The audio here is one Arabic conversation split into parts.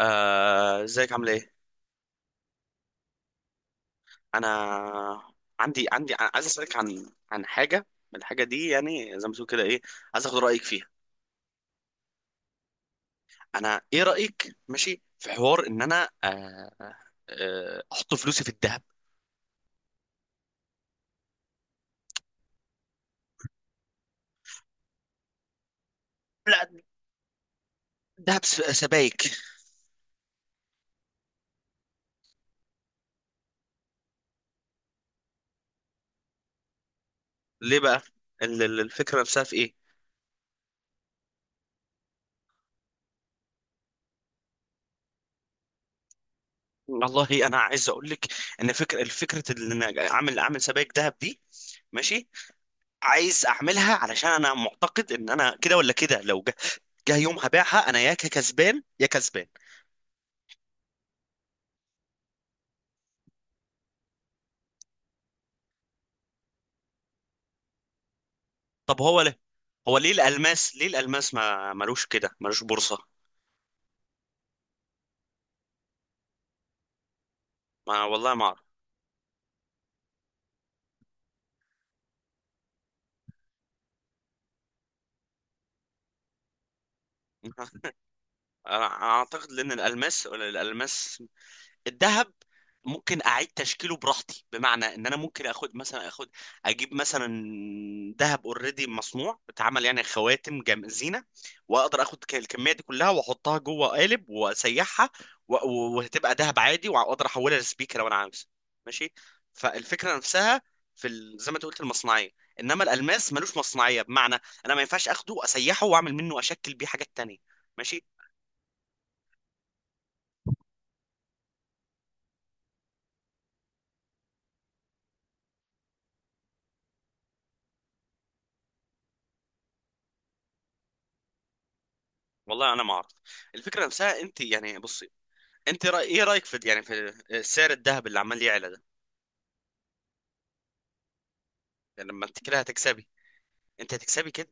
آه، ازيك عامل ايه؟ انا عندي عايز اسالك عن حاجه من الحاجه دي، يعني زي ما تقول كده ايه. عايز اخد رايك فيها. انا، ايه رايك ماشي في حوار ان انا احط فلوسي في الذهب؟ لا. ذهب سبائك. ليه بقى؟ الفكره نفسها في ايه؟ والله انا عايز اقول لك ان الفكره ان انا اعمل سبائك ذهب دي، ماشي. عايز اعملها علشان انا معتقد ان انا كده ولا كده. لو جه يوم هبيعها انا يا كسبان يا كسبان. طب هو ليه الالماس، ما ملوش كده، ملوش بورصة؟ ما والله ما اعرف. انا اعتقد لان الالماس الالماس الذهب ممكن اعيد تشكيله براحتي، بمعنى ان انا ممكن اخد مثلا اخد اجيب مثلا ذهب اوريدي مصنوع اتعمل، يعني خواتم جم زينه. واقدر اخد الكميه دي كلها واحطها جوه قالب واسيحها، وهتبقى ذهب عادي، واقدر احولها لسبيكه لو انا عاوز، ماشي. فالفكره نفسها في زي ما انت قلت، المصنعيه. انما الالماس ملوش مصنعيه، بمعنى انا ما ينفعش اخده اسيحه واعمل منه، اشكل بيه حاجات تانية، ماشي. والله انا ما اعرف. الفكره نفسها، انت يعني بص. انت ايه رايك في، يعني في سعر الذهب اللي عمال يعلى ده. يعني لما انت كده هتكسبي. انت هتكسبي كده.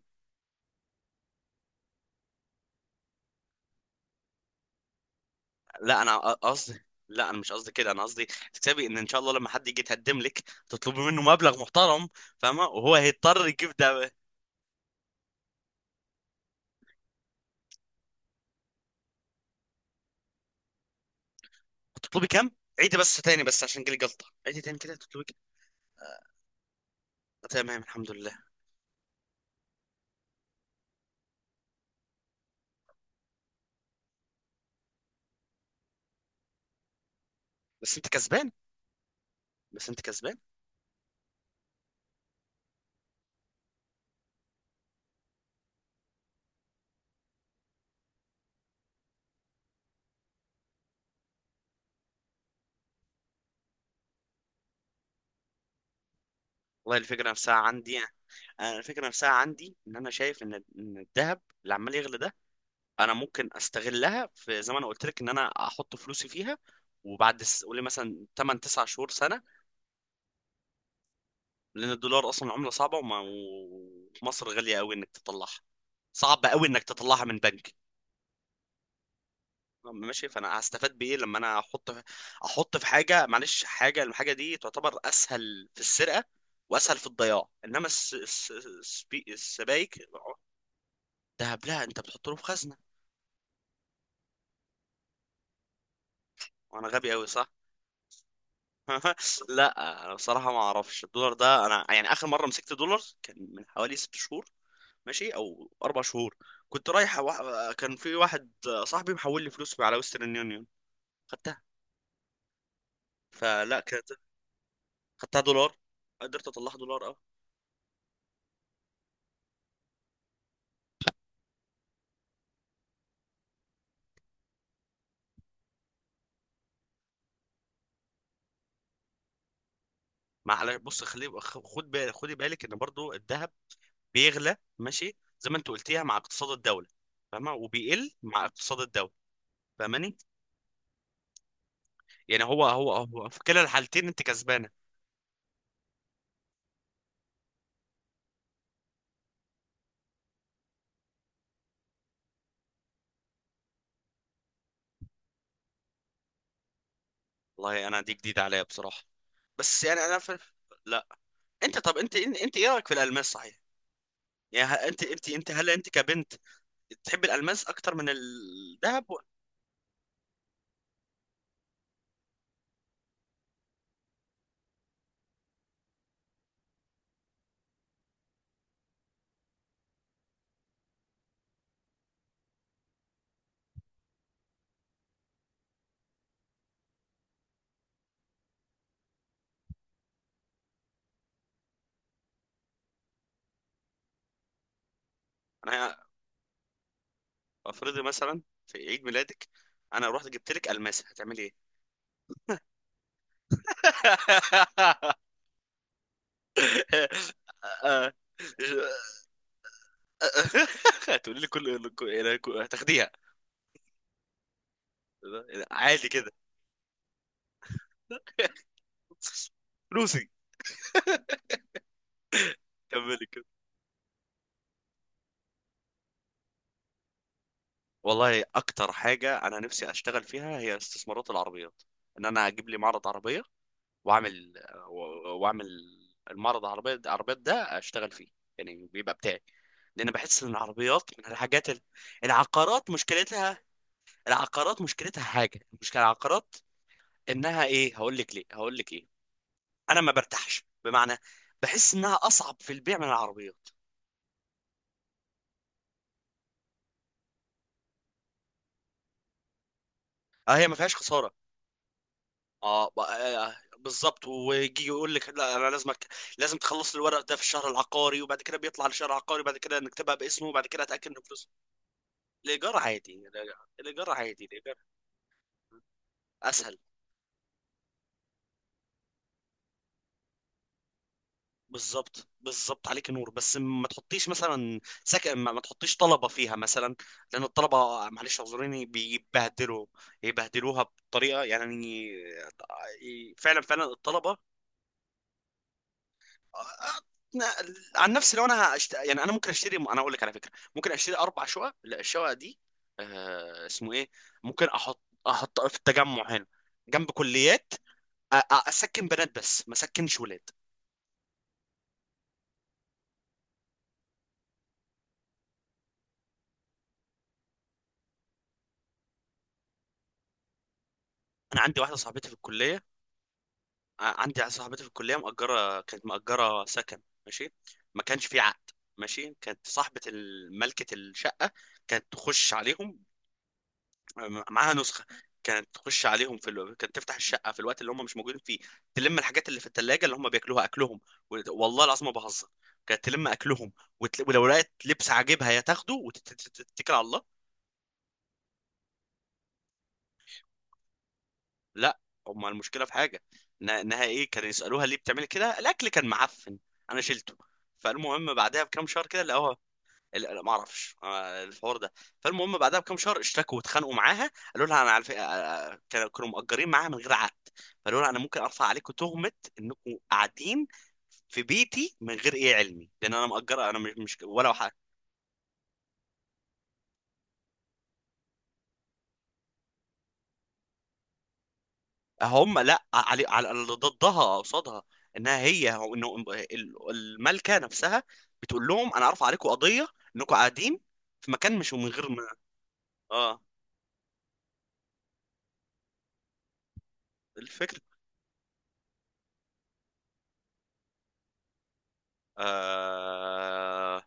لا انا قصدي. لا انا مش قصدي كده، انا قصدي تكسبي، ان ان شاء الله لما حد يجي يتقدم لك، تطلبي منه مبلغ محترم، فاهمه، وهو هيضطر يجيب ده. تطلبي كام؟ عيدي بس تاني، بس عشان جالي جلطه، عيدي تاني كده تطلبي كام؟ آه، تمام، الحمد لله. بس انت كسبان. بس انت كسبان. والله الفكره نفسها عندي يعني. انا الفكره نفسها عندي، ان انا شايف إن الذهب اللي عمال يغلى ده، انا ممكن استغلها، في زي ما انا قلت لك ان انا احط فلوسي فيها، وبعد قولي مثلا 8 9 شهور سنه. لان الدولار اصلا عمله صعبه، ومصر غاليه قوي انك تطلعها، صعب قوي انك تطلعها من بنك، ماشي. فانا هستفاد بايه لما انا احط في حاجه، معلش، الحاجه دي تعتبر اسهل في السرقه واسهل في الضياع، انما السبايك. دهب؟ لا انت بتحط له في خزنه. وانا غبي قوي، صح؟ لا انا بصراحه ما اعرفش الدولار ده، انا يعني اخر مره مسكت دولار كان من حوالي 6 شهور، ماشي، او 4 شهور. كنت رايح كان في واحد صاحبي محول لي فلوس على ويسترن يونيون، خدتها. فلا كانت، خدتها دولار. قدرت اطلعها دولار، اه. معلش بص، خد بالك خدي بالك ان برضو الذهب بيغلى، ماشي، زي ما انت قلتيها، مع اقتصاد الدوله، فاهمه، وبيقل مع اقتصاد الدوله، فاهماني؟ يعني هو في كلا الحالتين انت كسبانه. والله انا، دي جديده عليا بصراحه. بس يعني انا لا. انت، طب انت ايه رايك في الالماس، صحيح؟ يعني انت هل انت كبنت تحب الالماس اكتر من الذهب؟ انا، افرضي مثلا في عيد ميلادك انا رحت جبت لك الماسه، هتعملي ايه؟ آه. هتقولي لي هتاخديها؟ عادي كده. فلوسي، كملي. والله اكتر حاجه انا نفسي اشتغل فيها هي استثمارات العربيات، ان انا اجيب لي معرض عربيه، واعمل واعمل المعرض العربيات ده اشتغل فيه، يعني بيبقى بتاعي، لان بحس ان العربيات من الحاجات العقارات مشكلتها. العقارات مشكلتها حاجه، مشكله العقارات انها ايه، هقول لك ليه، هقول لك ايه، انا ما برتاحش، بمعنى بحس انها اصعب في البيع من العربيات. اه، هي ما فيهاش خساره. اه بالظبط، ويجي يقول لك لا انا لازمك، لازم تخلص لي الورق ده في الشهر العقاري، وبعد كده بيطلع لشهر عقاري، وبعد كده نكتبها باسمه، وبعد كده اتاكد ان فلوس. الايجار عادي، الايجار عادي، الايجار اسهل. بالظبط بالظبط، عليك نور، بس ما تحطيش مثلا سكن، ما تحطيش طلبه فيها مثلا، لان الطلبه، معلش اعذريني، بيبهدلوا، يبهدلوها بطريقه يعني، فعلا فعلا الطلبه. عن نفسي لو انا يعني انا ممكن اشتري، انا اقول لك على فكره، ممكن اشتري 4 شقق. لا، الشقق دي، اسمه ايه، ممكن احط في التجمع هنا جنب كليات، اسكن بنات بس ما اسكنش ولاد. انا عندي واحده صاحبتي في الكليه، عندي واحده صاحبتي في الكليه مأجره، كانت مأجره سكن، ماشي. ما كانش في عقد، ماشي. كانت صاحبه ملكه الشقه، كانت تخش عليهم، معاها نسخه. كانت تفتح الشقه في الوقت اللي هم مش موجودين فيه، تلم الحاجات اللي في الثلاجه اللي هم بياكلوها، اكلهم. والله العظيم ما بهزر، كانت تلم اكلهم، ولو لقيت لبس عاجبها هي تاخده وتتكل على الله. لا، هم المشكله في حاجه، انها ايه، كانوا يسالوها ليه بتعملي كده؟ الاكل كان معفن، انا شلته. فالمهم بعدها بكام شهر كده لقوها. لا ما اعرفش الحوار ده. فالمهم بعدها بكام شهر اشتكوا واتخانقوا معاها، قالوا لها انا على فكره، كانوا مأجرين معاها من غير عقد، فقالوا لها انا ممكن ارفع عليكم تهمه انكم قاعدين في بيتي من غير ايه علمي، لان انا مأجره، انا مش ولا حاجه. هم، لا، على اللي ضدها، قصادها، انها هي هو انه ال- الملكه نفسها بتقول لهم انا ارفع عليكم قضيه انكم قاعدين في مكان، مش من غير ما. اه. الفكره. آه...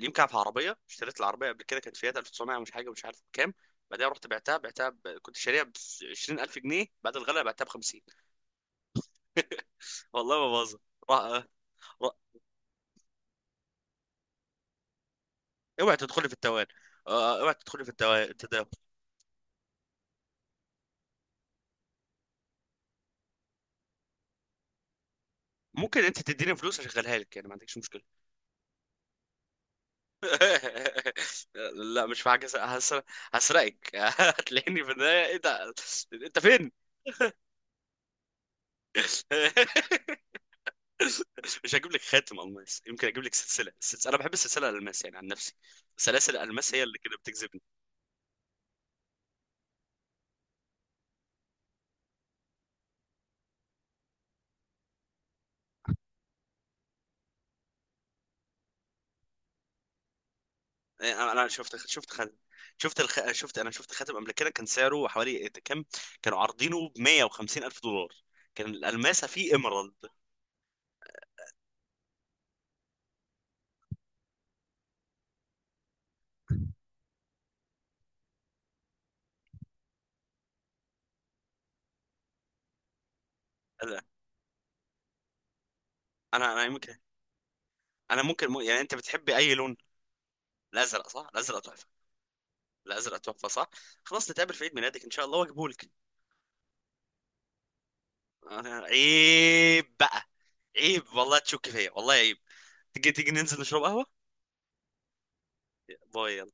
يمكن في عربيه، اشتريت العربيه قبل كده، كانت فيات 1900، مش حاجه، مش عارف بكام. بعدها رحت كنت شاريها ب 20,000 جنيه، بعد الغلا بعتها ب 50. والله ما بهزر. را- را- اوعي تدخلي في التوان، اوعي تدخلي في التداول. ممكن انت تديني فلوس اشغلها لك يعني، ما عندكش مشكله. لا مش معاك، هسرقك. هتلاقيني في النهايه، ايه ده، انت فين؟ مش هجيب لك خاتم الماس، يمكن اجيب لك سلسله. السلسله، انا بحب السلسله الالماس يعني، عن نفسي، سلاسل الالماس هي اللي كده بتجذبني. يعني انا شفت خاتم، شفت الخ... شفت انا شفت خاتم قبل كده، كان سعره حوالي إيه كام، كانوا عارضينه ب 150 الف دولار، كان الالماسه فيه ايمرالد. انا انا يمكن، انا ممكن يعني انت بتحبي اي لون؟ الازرق، صح؟ الازرق تحفه، الازرق تحفه، صح؟ خلاص نتقابل في عيد ميلادك ان شاء الله واجيبه لك. عيب بقى، عيب والله تشك فيا، والله عيب. تيجي تيجي، ننزل نشرب قهوه؟ بايظ.